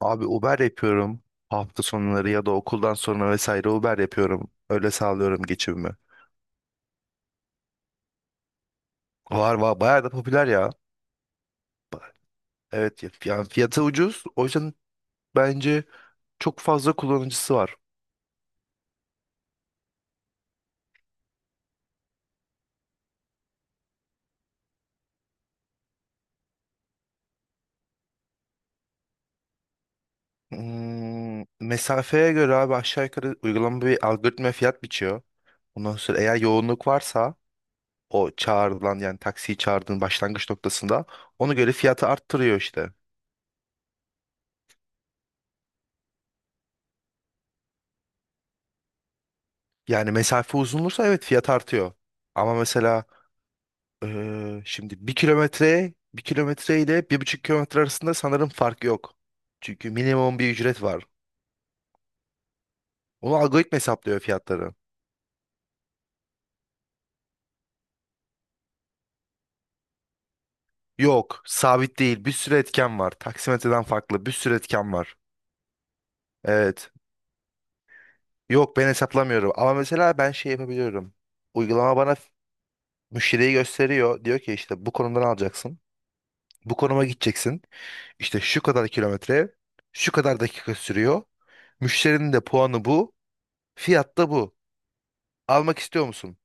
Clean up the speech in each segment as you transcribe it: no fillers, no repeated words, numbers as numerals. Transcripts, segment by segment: Abi Uber yapıyorum. Hafta sonları ya da okuldan sonra vesaire Uber yapıyorum. Öyle sağlıyorum geçimimi. Var bayağı da popüler ya. Evet yani fiyatı ucuz. O yüzden bence çok fazla kullanıcısı var. Mesafeye göre abi aşağı yukarı uygulama bir algoritma fiyat biçiyor. Ondan sonra eğer yoğunluk varsa o çağrılan yani taksiyi çağırdığın başlangıç noktasında ona göre fiyatı arttırıyor işte. Yani mesafe uzun olursa evet fiyat artıyor. Ama mesela şimdi bir kilometre ile bir buçuk kilometre arasında sanırım fark yok. Çünkü minimum bir ücret var. Onu algoritma hesaplıyor fiyatları. Yok, sabit değil. Bir sürü etken var. Taksimetreden farklı bir sürü etken var. Evet. Yok, ben hesaplamıyorum. Ama mesela ben şey yapabiliyorum. Uygulama bana müşteriyi gösteriyor. Diyor ki işte bu konumdan alacaksın. Bu konuma gideceksin. İşte şu kadar kilometre, şu kadar dakika sürüyor. Müşterinin de puanı bu. Fiyat da bu. Almak istiyor musun?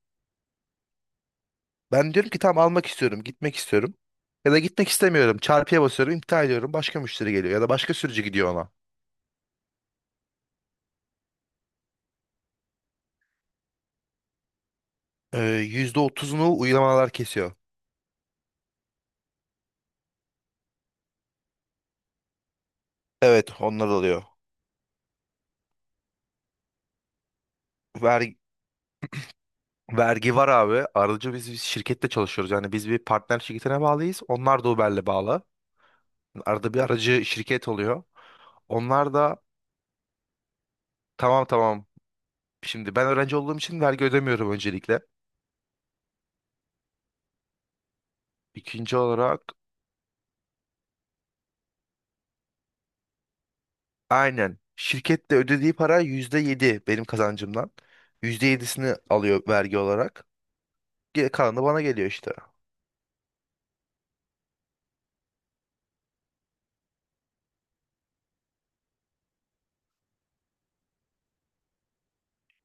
Ben diyorum ki tamam, almak istiyorum, gitmek istiyorum. Ya da gitmek istemiyorum. Çarpıya basıyorum, iptal ediyorum. Başka müşteri geliyor ya da başka sürücü gidiyor ona. %30'unu uygulamalar kesiyor. Evet, onlar alıyor. Vergi, vergi var abi. Aracı biz şirkette çalışıyoruz. Yani biz bir partner şirketine bağlıyız. Onlar da Uber'le bağlı. Arada bir aracı şirket oluyor. Onlar da tamam, tamam. Şimdi ben öğrenci olduğum için vergi ödemiyorum öncelikle. İkinci olarak. Aynen. Şirket de ödediği para %7 benim kazancımdan. %7'sini alıyor vergi olarak. Geri kalanı da bana geliyor işte.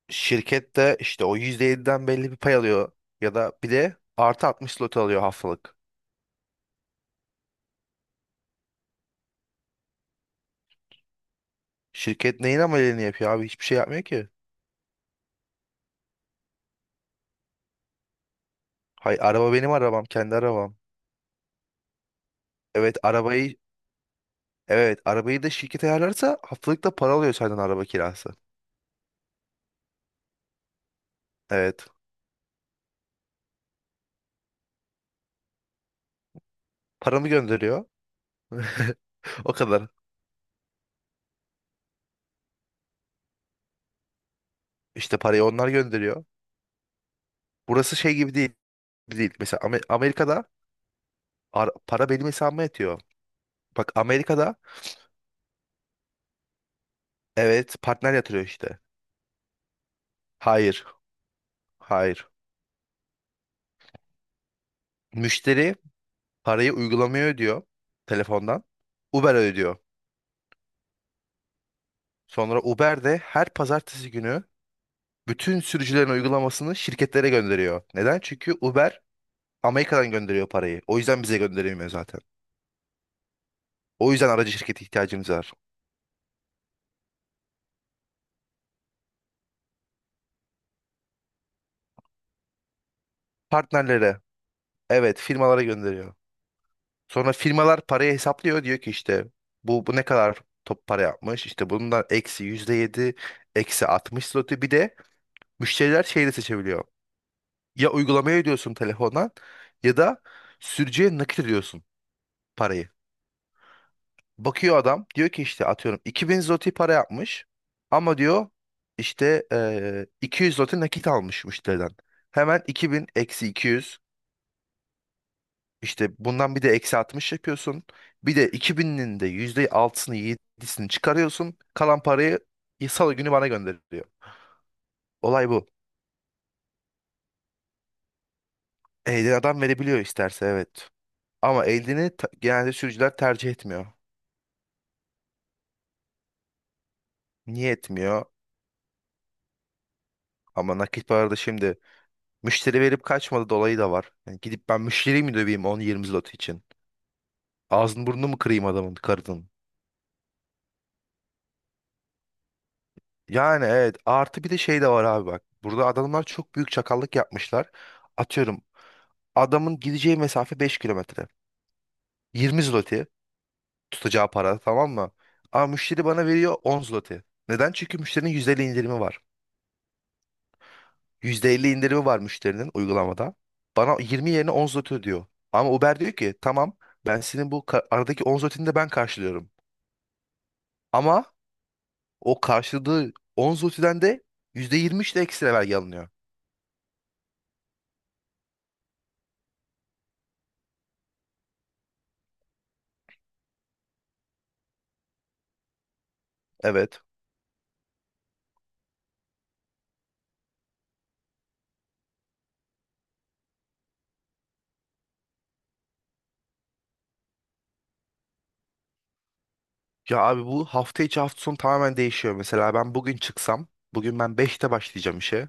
Şirket de işte o %7'den belli bir pay alıyor. Ya da bir de artı 60 slot alıyor haftalık. Şirket neyin ameliyatını yapıyor abi? Hiçbir şey yapmıyor ki. Hay, araba benim arabam. Kendi arabam. Evet arabayı evet, arabayı da şirket ayarlarsa haftalık da para alıyor senden araba kirası. Evet. Paramı gönderiyor. O kadar. İşte parayı onlar gönderiyor. Burası şey gibi değil. Mesela Amerika'da para benim hesabıma yatıyor. Bak, Amerika'da evet partner yatırıyor işte. Hayır. Hayır. Müşteri parayı uygulamaya ödüyor telefondan. Uber ödüyor. Sonra Uber de her pazartesi günü bütün sürücülerin uygulamasını şirketlere gönderiyor. Neden? Çünkü Uber Amerika'dan gönderiyor parayı. O yüzden bize gönderemiyor zaten. O yüzden aracı şirketi ihtiyacımız var. Partnerlere, evet, firmalara gönderiyor. Sonra firmalar parayı hesaplıyor. Diyor ki işte bu ne kadar top para yapmış. İşte bundan eksi yüzde yedi, eksi 60 slotu. Bir de müşteriler şeyi de seçebiliyor. Ya uygulamaya ödüyorsun telefondan, ya da sürücüye nakit ediyorsun parayı. Bakıyor adam, diyor ki işte atıyorum 2000 zloty para yapmış, ama diyor işte 200 zloty nakit almış müşteriden. Hemen 2000 eksi 200. İşte bundan bir de eksi 60 yapıyorsun. Bir de 2000'inin de yüzde altısını yedisini çıkarıyorsun. Kalan parayı salı günü bana gönderiyor. Olay bu. Elden adam verebiliyor isterse, evet. Ama genelde sürücüler tercih etmiyor. Niye etmiyor? Ama nakit parada şimdi müşteri verip kaçmadı dolayı da var. Yani gidip ben müşteriyi mi döveyim on yirmi zlot için? Ağzını burnunu mu kırayım adamın karının? Yani evet, artı bir de şey de var abi, bak. Burada adamlar çok büyük çakallık yapmışlar. Atıyorum, adamın gideceği mesafe 5 kilometre. 20 zloty tutacağı para, tamam mı? Ama müşteri bana veriyor 10 zloty. Neden? Çünkü müşterinin %50 indirimi var. %50 indirimi var müşterinin uygulamada. Bana 20 yerine 10 zloty ödüyor. Ama Uber diyor ki tamam, ben senin bu aradaki 10 zlotyni de ben karşılıyorum. Ama o karşıladığı 10 zlotyden de %23 de ekstra vergi alınıyor. Evet. Ya abi, bu hafta içi hafta sonu tamamen değişiyor. Mesela ben bugün çıksam, bugün ben 5'te başlayacağım işe.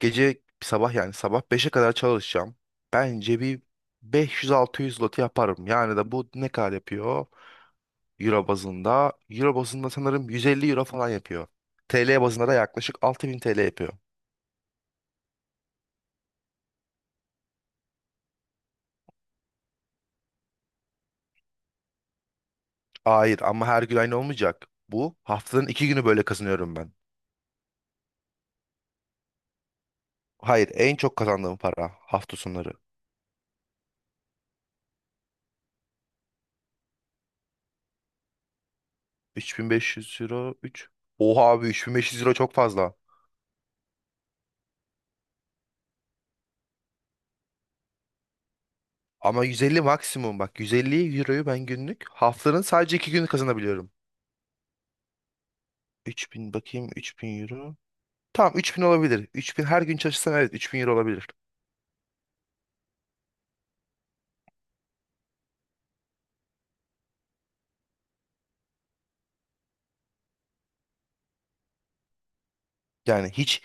Gece sabah yani sabah beşe kadar çalışacağım. Bence bir 500-600 lot yaparım. Yani de bu ne kadar yapıyor? Euro bazında sanırım 150 euro falan yapıyor. TL bazında da yaklaşık 6000 TL yapıyor. Hayır, ama her gün aynı olmayacak. Bu haftanın 2 günü böyle kazanıyorum ben. Hayır, en çok kazandığım para hafta sonları. 3500 euro, 3. Oha abi, 3500 euro çok fazla. Ama 150 maksimum, bak, 150 euroyu ben günlük haftanın sadece 2 günü kazanabiliyorum. 3000, bakayım, 3000 euro. Tamam, 3000 olabilir. 3000 her gün çalışsam, evet, 3000 euro olabilir. Yani hiç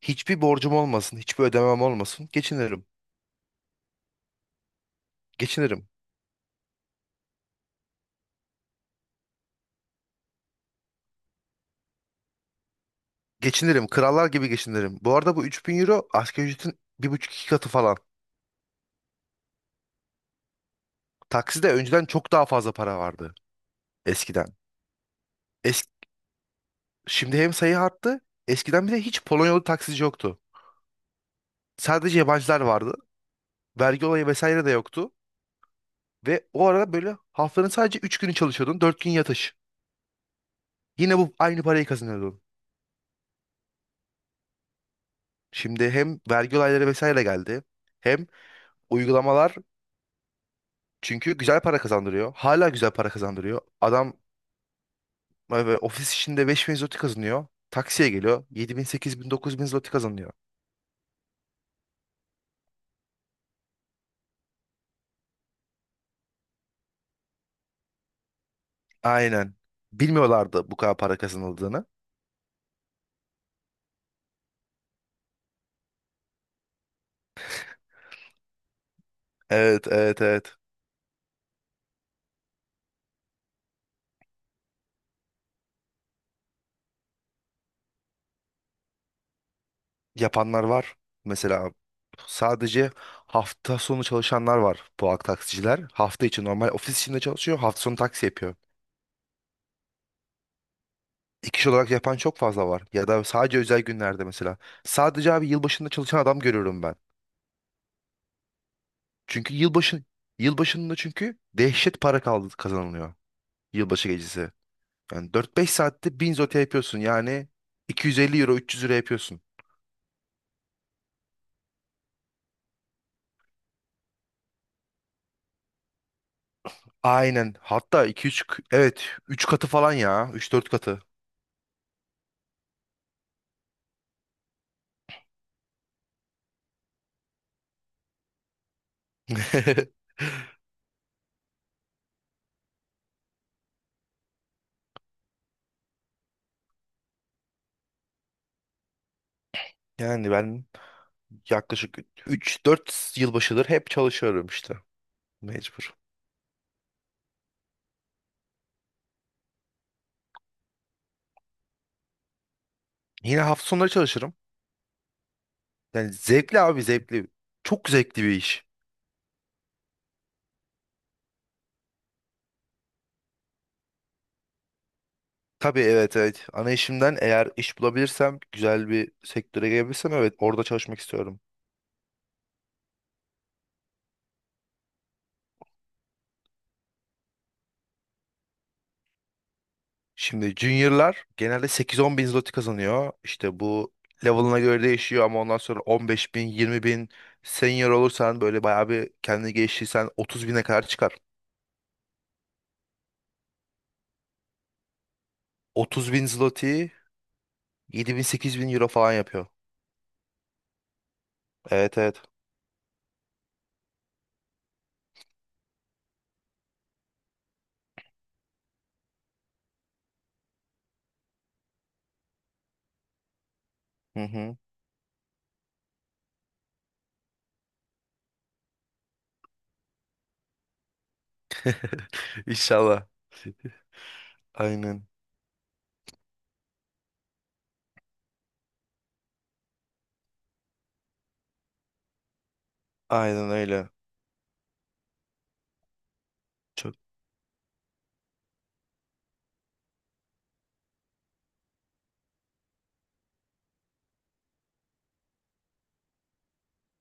hiçbir borcum olmasın, hiçbir ödemem olmasın. Geçinirim. Geçinirim. Geçinirim. Krallar gibi geçinirim. Bu arada bu 3000 euro asgari ücretin bir buçuk iki katı falan. Takside önceden çok daha fazla para vardı eskiden. Es Şimdi hem sayı arttı. Eskiden bir de hiç Polonyalı taksici yoktu. Sadece yabancılar vardı. Vergi olayı vesaire de yoktu. Ve o arada böyle haftanın sadece 3 günü çalışıyordun. Dört gün yatış. Yine bu aynı parayı kazanıyordun. Şimdi hem vergi olayları vesaire geldi. Hem uygulamalar, çünkü güzel para kazandırıyor. Hala güzel para kazandırıyor. Adam ofis içinde 5000 zloty kazanıyor. Taksiye geliyor. 7000, sekiz bin, 8000, 1000 zloty kazanıyor. Aynen. Bilmiyorlardı bu kadar para kazanıldığını. Evet, evet, evet. Yapanlar var. Mesela sadece hafta sonu çalışanlar var, bu taksiciler. Hafta içi normal ofis içinde çalışıyor. Hafta sonu taksi yapıyor. İki kişi olarak yapan çok fazla var. Ya da sadece özel günlerde mesela. Sadece abi yılbaşında çalışan adam görüyorum ben. Çünkü yılbaşında çünkü dehşet para kaldı kazanılıyor. Yılbaşı gecesi. Yani dört beş saatte 1000 zote yapıyorsun. Yani 250 euro, 300 lira yapıyorsun. Aynen. Hatta iki üç evet, üç katı falan ya. Üç dört katı. Yani ben yaklaşık 3-4 yılbaşıdır hep çalışıyorum işte. Mecbur. Yine hafta sonları çalışırım. Yani zevkli abi, zevkli. Çok zevkli bir iş. Tabii, evet, evet. Ana işimden eğer iş bulabilirsem, güzel bir sektöre gelebilirsem, evet, orada çalışmak istiyorum. Şimdi juniorlar genelde 8-10 bin zloty kazanıyor. İşte bu level'ına göre değişiyor, ama ondan sonra 15 bin, 20 bin, senior olursan böyle bayağı bir kendini geliştirirsen 30 bine kadar çıkar. 30 bin zloty 7000, 8000 euro falan yapıyor. Evet, evet. Hı hı. İnşallah. Aynen. Aynen öyle. Çok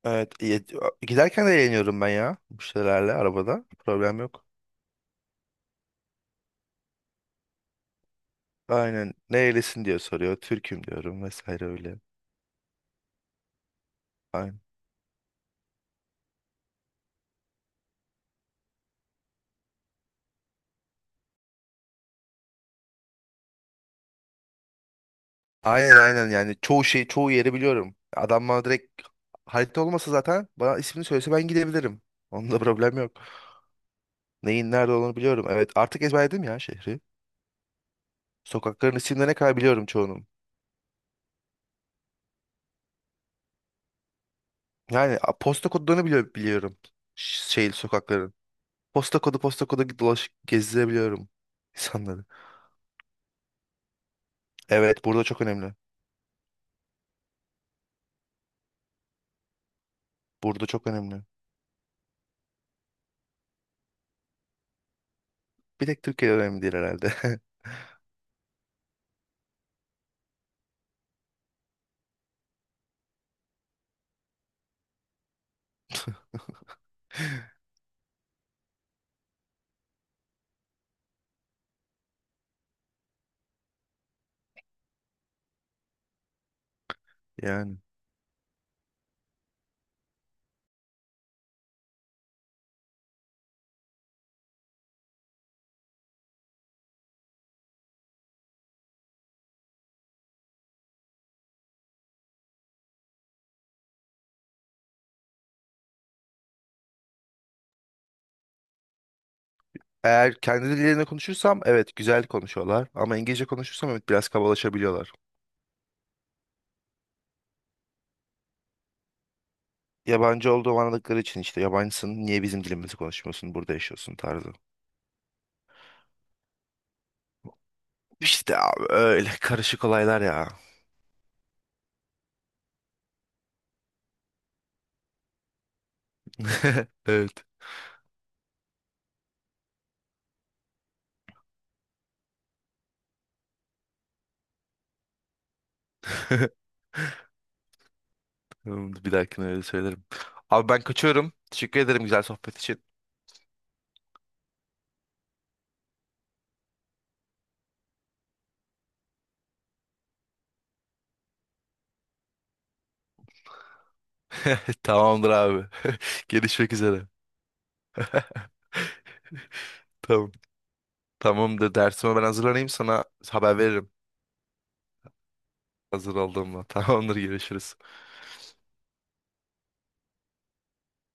Evet. Giderken de eğleniyorum ben ya. Bu şeylerle arabada. Problem yok. Aynen. Nerelisin diye soruyor. Türk'üm diyorum vesaire öyle. Aynen. Aynen, aynen, yani çoğu yeri biliyorum. Adam bana direkt, harita olmasa zaten bana ismini söylese ben gidebilirim. Onda problem yok. Neyin nerede olduğunu biliyorum. Evet, artık ezberledim ya şehri. Sokakların isimlerine kadar biliyorum çoğunun. Yani posta kodlarını biliyorum. Şey, sokakların. Posta kodu, posta kodu dolaşıp gezdirebiliyorum insanları. Evet, burada çok önemli. Burada çok önemli. Bir tek Türkiye önemli değil herhalde. Yani. Eğer kendi dillerinde konuşursam evet güzel konuşuyorlar. Ama İngilizce konuşursam evet biraz kabalaşabiliyorlar. Yabancı olduğum anladıkları için işte, yabancısın niye bizim dilimizi konuşmuyorsun, burada yaşıyorsun tarzı. İşte abi öyle karışık olaylar ya. Evet. Tamamdır, bir dahakine öyle söylerim. Abi ben kaçıyorum. Teşekkür ederim güzel sohbet için. Tamamdır abi. Görüşmek üzere. Tamam. Tamamdır. Dersime ben hazırlanayım, sana haber veririm. Hazır olduğumda. Tamamdır, görüşürüz.